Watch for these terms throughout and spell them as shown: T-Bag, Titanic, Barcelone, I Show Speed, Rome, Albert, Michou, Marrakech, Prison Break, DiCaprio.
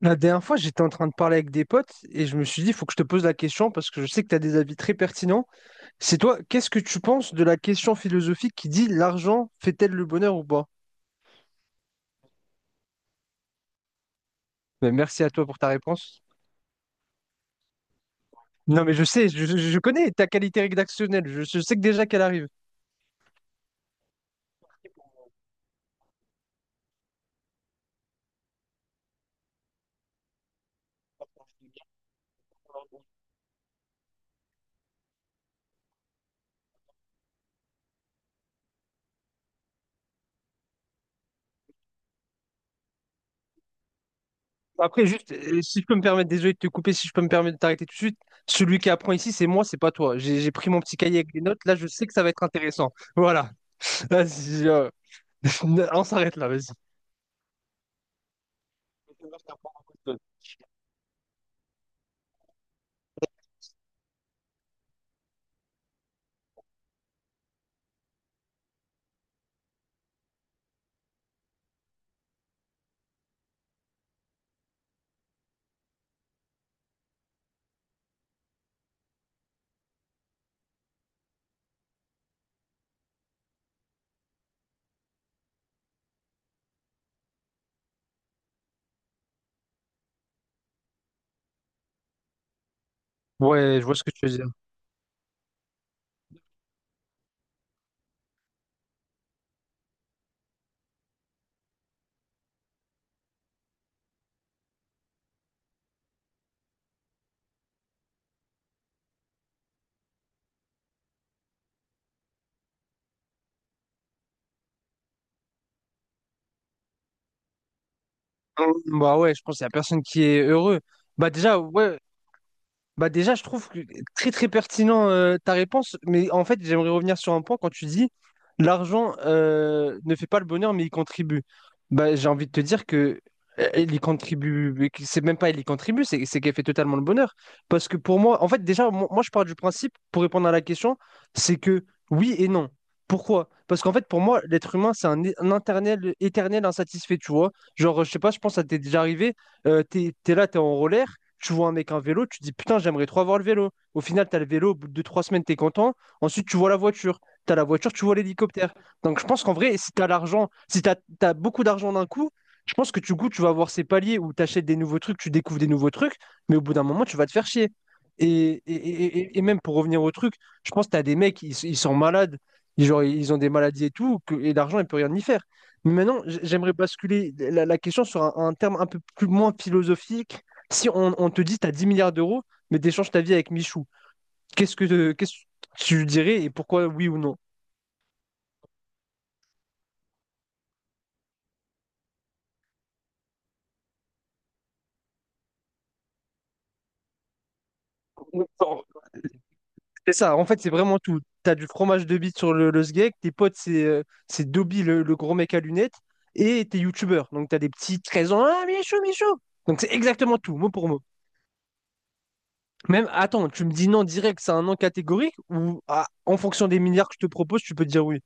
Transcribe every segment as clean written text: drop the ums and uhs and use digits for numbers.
La dernière fois, j'étais en train de parler avec des potes et je me suis dit, il faut que je te pose la question parce que je sais que tu as des avis très pertinents. C'est toi, qu'est-ce que tu penses de la question philosophique qui dit l'argent fait-elle le bonheur ou pas? Ben, merci à toi pour ta réponse. Non, mais je sais, je connais ta qualité rédactionnelle, je sais que déjà qu'elle arrive. Après, juste, si je peux me permettre, désolé de te couper, si je peux me permettre de t'arrêter tout de suite, celui qui apprend ici, c'est moi, c'est pas toi. J'ai pris mon petit cahier avec des notes, là, je sais que ça va être intéressant. Voilà. Vas-y, On s'arrête là, vas-y. Ouais, je vois ce que tu veux dire. Bah ouais, je pense qu'il n'y a personne qui est heureux. Bah déjà, ouais, bah déjà, je trouve que très très pertinent ta réponse, mais en fait, j'aimerais revenir sur un point quand tu dis l'argent ne fait pas le bonheur, mais il contribue. Bah, j'ai envie de te dire que il y contribue, mais que c'est même pas il y contribue, c'est qu'elle fait totalement le bonheur. Parce que pour moi, en fait, déjà, moi, je pars du principe, pour répondre à la question, c'est que oui et non. Pourquoi? Parce qu'en fait, pour moi, l'être humain, c'est un éternel insatisfait, tu vois. Genre, je sais pas, je pense que ça t'est déjà arrivé. T'es là, t'es en roller, tu vois un mec en vélo, tu te dis putain, j'aimerais trop avoir le vélo. Au final, t'as le vélo, au bout de deux, trois semaines, t'es content. Ensuite, tu vois la voiture. T'as la voiture, tu vois l'hélicoptère. Donc, je pense qu'en vrai, si t'as l'argent, si t'as beaucoup d'argent d'un coup, je pense que du coup, tu vas avoir ces paliers où t'achètes des nouveaux trucs, tu découvres des nouveaux trucs, mais au bout d'un moment, tu vas te faire chier. Et même pour revenir au truc, je pense que t'as des mecs, ils sont malades, ils, genre, ils ont des maladies et tout, et l'argent, il peut rien y faire. Mais maintenant, j'aimerais basculer la question sur un terme un peu plus moins philosophique. Si on te dit tu as 10 milliards d'euros, mais t'échanges ta vie avec Michou, qu'est-ce que tu dirais et pourquoi oui ou non? C'est ça, en fait, c'est vraiment tout. T'as du fromage de bite sur le sgeg, tes potes, c'est Dobby, le gros mec à lunettes, et t'es youtubeur. Donc t'as des petits 13 ans, ah Michou, Michou! Donc c'est exactement tout, mot pour mot. Même, attends, tu me dis non direct, c'est un non catégorique, ou ah, en fonction des milliards que je te propose, tu peux te dire oui?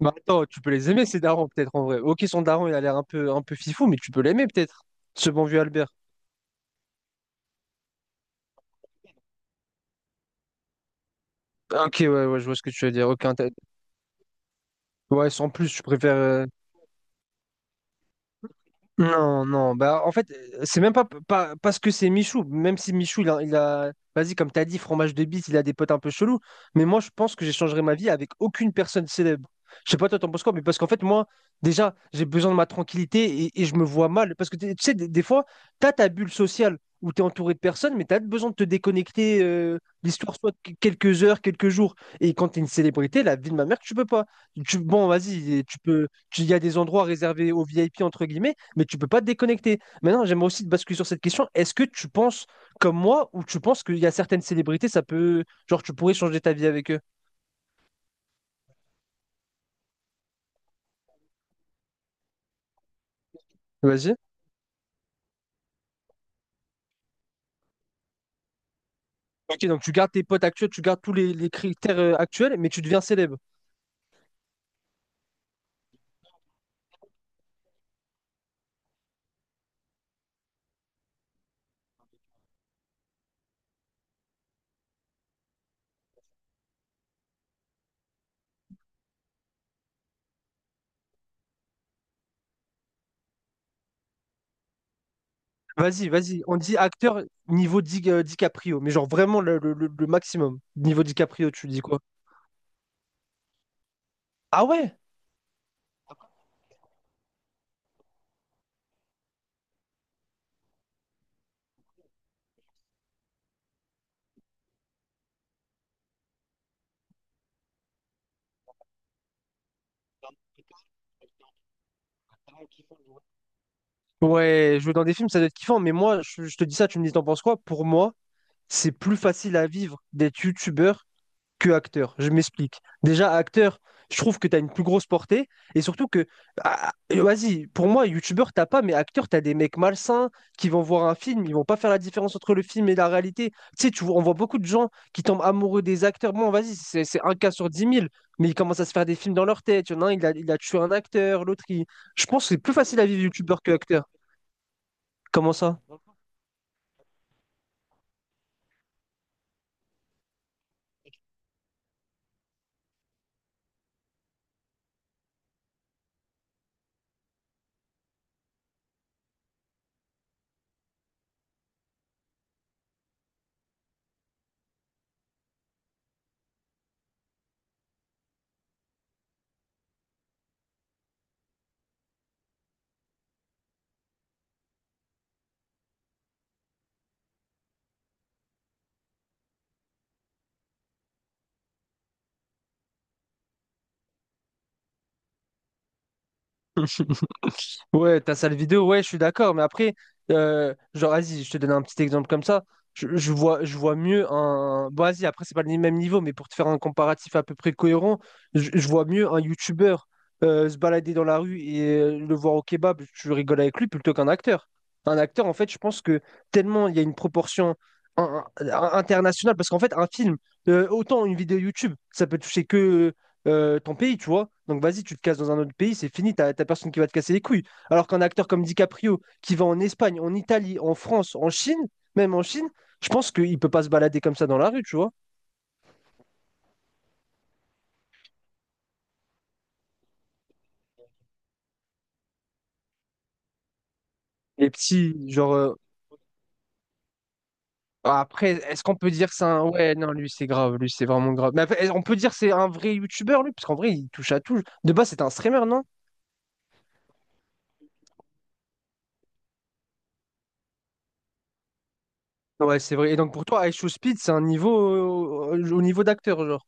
Mais attends, tu peux les aimer, ces darons, peut-être en vrai. Ok, son daron, il a l'air un peu fifou, mais tu peux l'aimer, peut-être. Ce bon vieux Albert. Ah, ok, ouais, ouais, je vois ce que tu veux dire. Ok, ouais, sans plus, je préfère. Non, non, bah en fait, c'est même pas, pas parce que c'est Michou, même si Michou, il a, vas-y, comme t'as dit, fromage de bise, il a des potes un peu chelous, mais moi, je pense que j'échangerai ma vie avec aucune personne célèbre. Je sais pas, toi, t'en penses quoi, mais parce qu'en fait, moi, déjà, j'ai besoin de ma tranquillité et je me vois mal, parce que tu sais, des fois, t'as ta bulle sociale où t'es entouré de personnes, mais t'as besoin de te déconnecter, l'histoire soit de quelques heures, quelques jours, et quand t'es une célébrité, la vie de ma mère, tu peux pas. Tu, bon, vas-y, tu peux, il y a des endroits réservés aux VIP, entre guillemets, mais tu peux pas te déconnecter. Maintenant, j'aimerais aussi te basculer sur cette question. Est-ce que tu penses comme moi ou tu penses qu'il y a certaines célébrités, ça peut, genre, tu pourrais changer ta vie avec eux? Vas-y. Ok, donc tu gardes tes potes actuels, tu gardes tous les critères actuels, mais tu deviens célèbre. Vas-y, vas-y. On dit acteur niveau DiCaprio, mais genre vraiment le maximum. Niveau DiCaprio, tu dis quoi? Ah ouais? Ouais, jouer dans des films, ça doit être kiffant, mais moi, je te dis ça, tu me dis, t'en penses quoi? Pour moi, c'est plus facile à vivre d'être youtubeur que acteur. Je m'explique. Déjà, acteur, je trouve que tu as une plus grosse portée. Et surtout que, ah, et vas-y, pour moi, youtubeur, t'as pas, mais acteur, t'as des mecs malsains qui vont voir un film, ils vont pas faire la différence entre le film et la réalité. Tu sais, on voit beaucoup de gens qui tombent amoureux des acteurs. Bon, vas-y, c'est un cas sur 10 000, mais ils commencent à se faire des films dans leur tête. Il y en a un, il a tué un acteur, l'autre, il... Je pense que c'est plus facile à vivre youtubeur que acteur. Comment ça? Ouais, ta salle vidéo, ouais, je suis d'accord, mais après, genre, vas-y, je te donne un petit exemple comme ça. Je vois mieux un. Bon, vas-y, après, c'est pas le même niveau, mais pour te faire un comparatif à peu près cohérent, je vois mieux un YouTuber se balader dans la rue et le voir au kebab, tu rigoles avec lui plutôt qu'un acteur. Un acteur, en fait, je pense que tellement il y a une proportion internationale, parce qu'en fait, un film, autant une vidéo YouTube, ça peut toucher que ton pays, tu vois. Donc, vas-y, tu te casses dans un autre pays, c'est fini, t'as personne qui va te casser les couilles. Alors qu'un acteur comme DiCaprio, qui va en Espagne, en Italie, en France, en Chine, même en Chine, je pense qu'il peut pas se balader comme ça dans la rue, tu vois. Les petits, genre. Après, est-ce qu'on peut dire que c'est un. Ouais, non, lui, c'est grave, lui, c'est vraiment grave. Mais après, on peut dire que c'est un vrai youtubeur, lui, parce qu'en vrai, il touche à tout. De base, c'est un streamer, non? Ouais, c'est vrai. Et donc, pour toi, I Show Speed, c'est un niveau. Au niveau d'acteur, genre.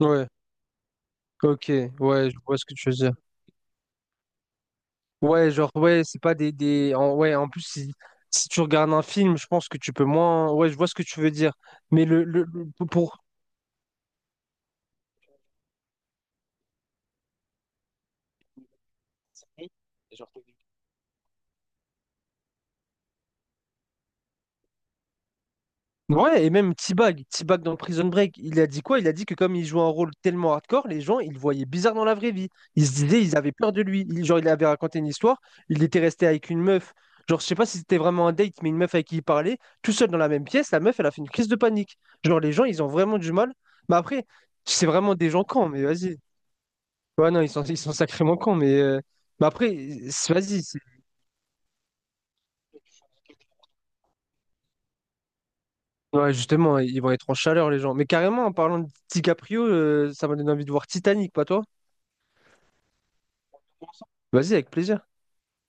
Ouais, ok, ouais, je vois ce que tu veux dire. Ouais, genre, ouais, c'est pas des. Ouais, en plus, si tu regardes un film, je pense que tu peux moins. Ouais, je vois ce que tu veux dire. Mais pour. Ouais, et même T-Bag, T-Bag dans Prison Break, il a dit quoi? Il a dit que comme il jouait un rôle tellement hardcore, les gens, ils le voyaient bizarre dans la vraie vie. Ils se disaient, ils avaient peur de lui. Genre, il avait raconté une histoire, il était resté avec une meuf. Genre, je sais pas si c'était vraiment un date, mais une meuf avec qui il parlait, tout seul dans la même pièce, la meuf, elle a fait une crise de panique. Genre, les gens, ils ont vraiment du mal. Mais après, c'est vraiment des gens cons, mais vas-y. Ouais, non, ils sont sacrément cons, mais après, vas-y. Ouais, justement, ils vont être en chaleur, les gens. Mais carrément, en parlant de DiCaprio, ça m'a donné envie de voir Titanic, pas toi? Vas-y, avec plaisir.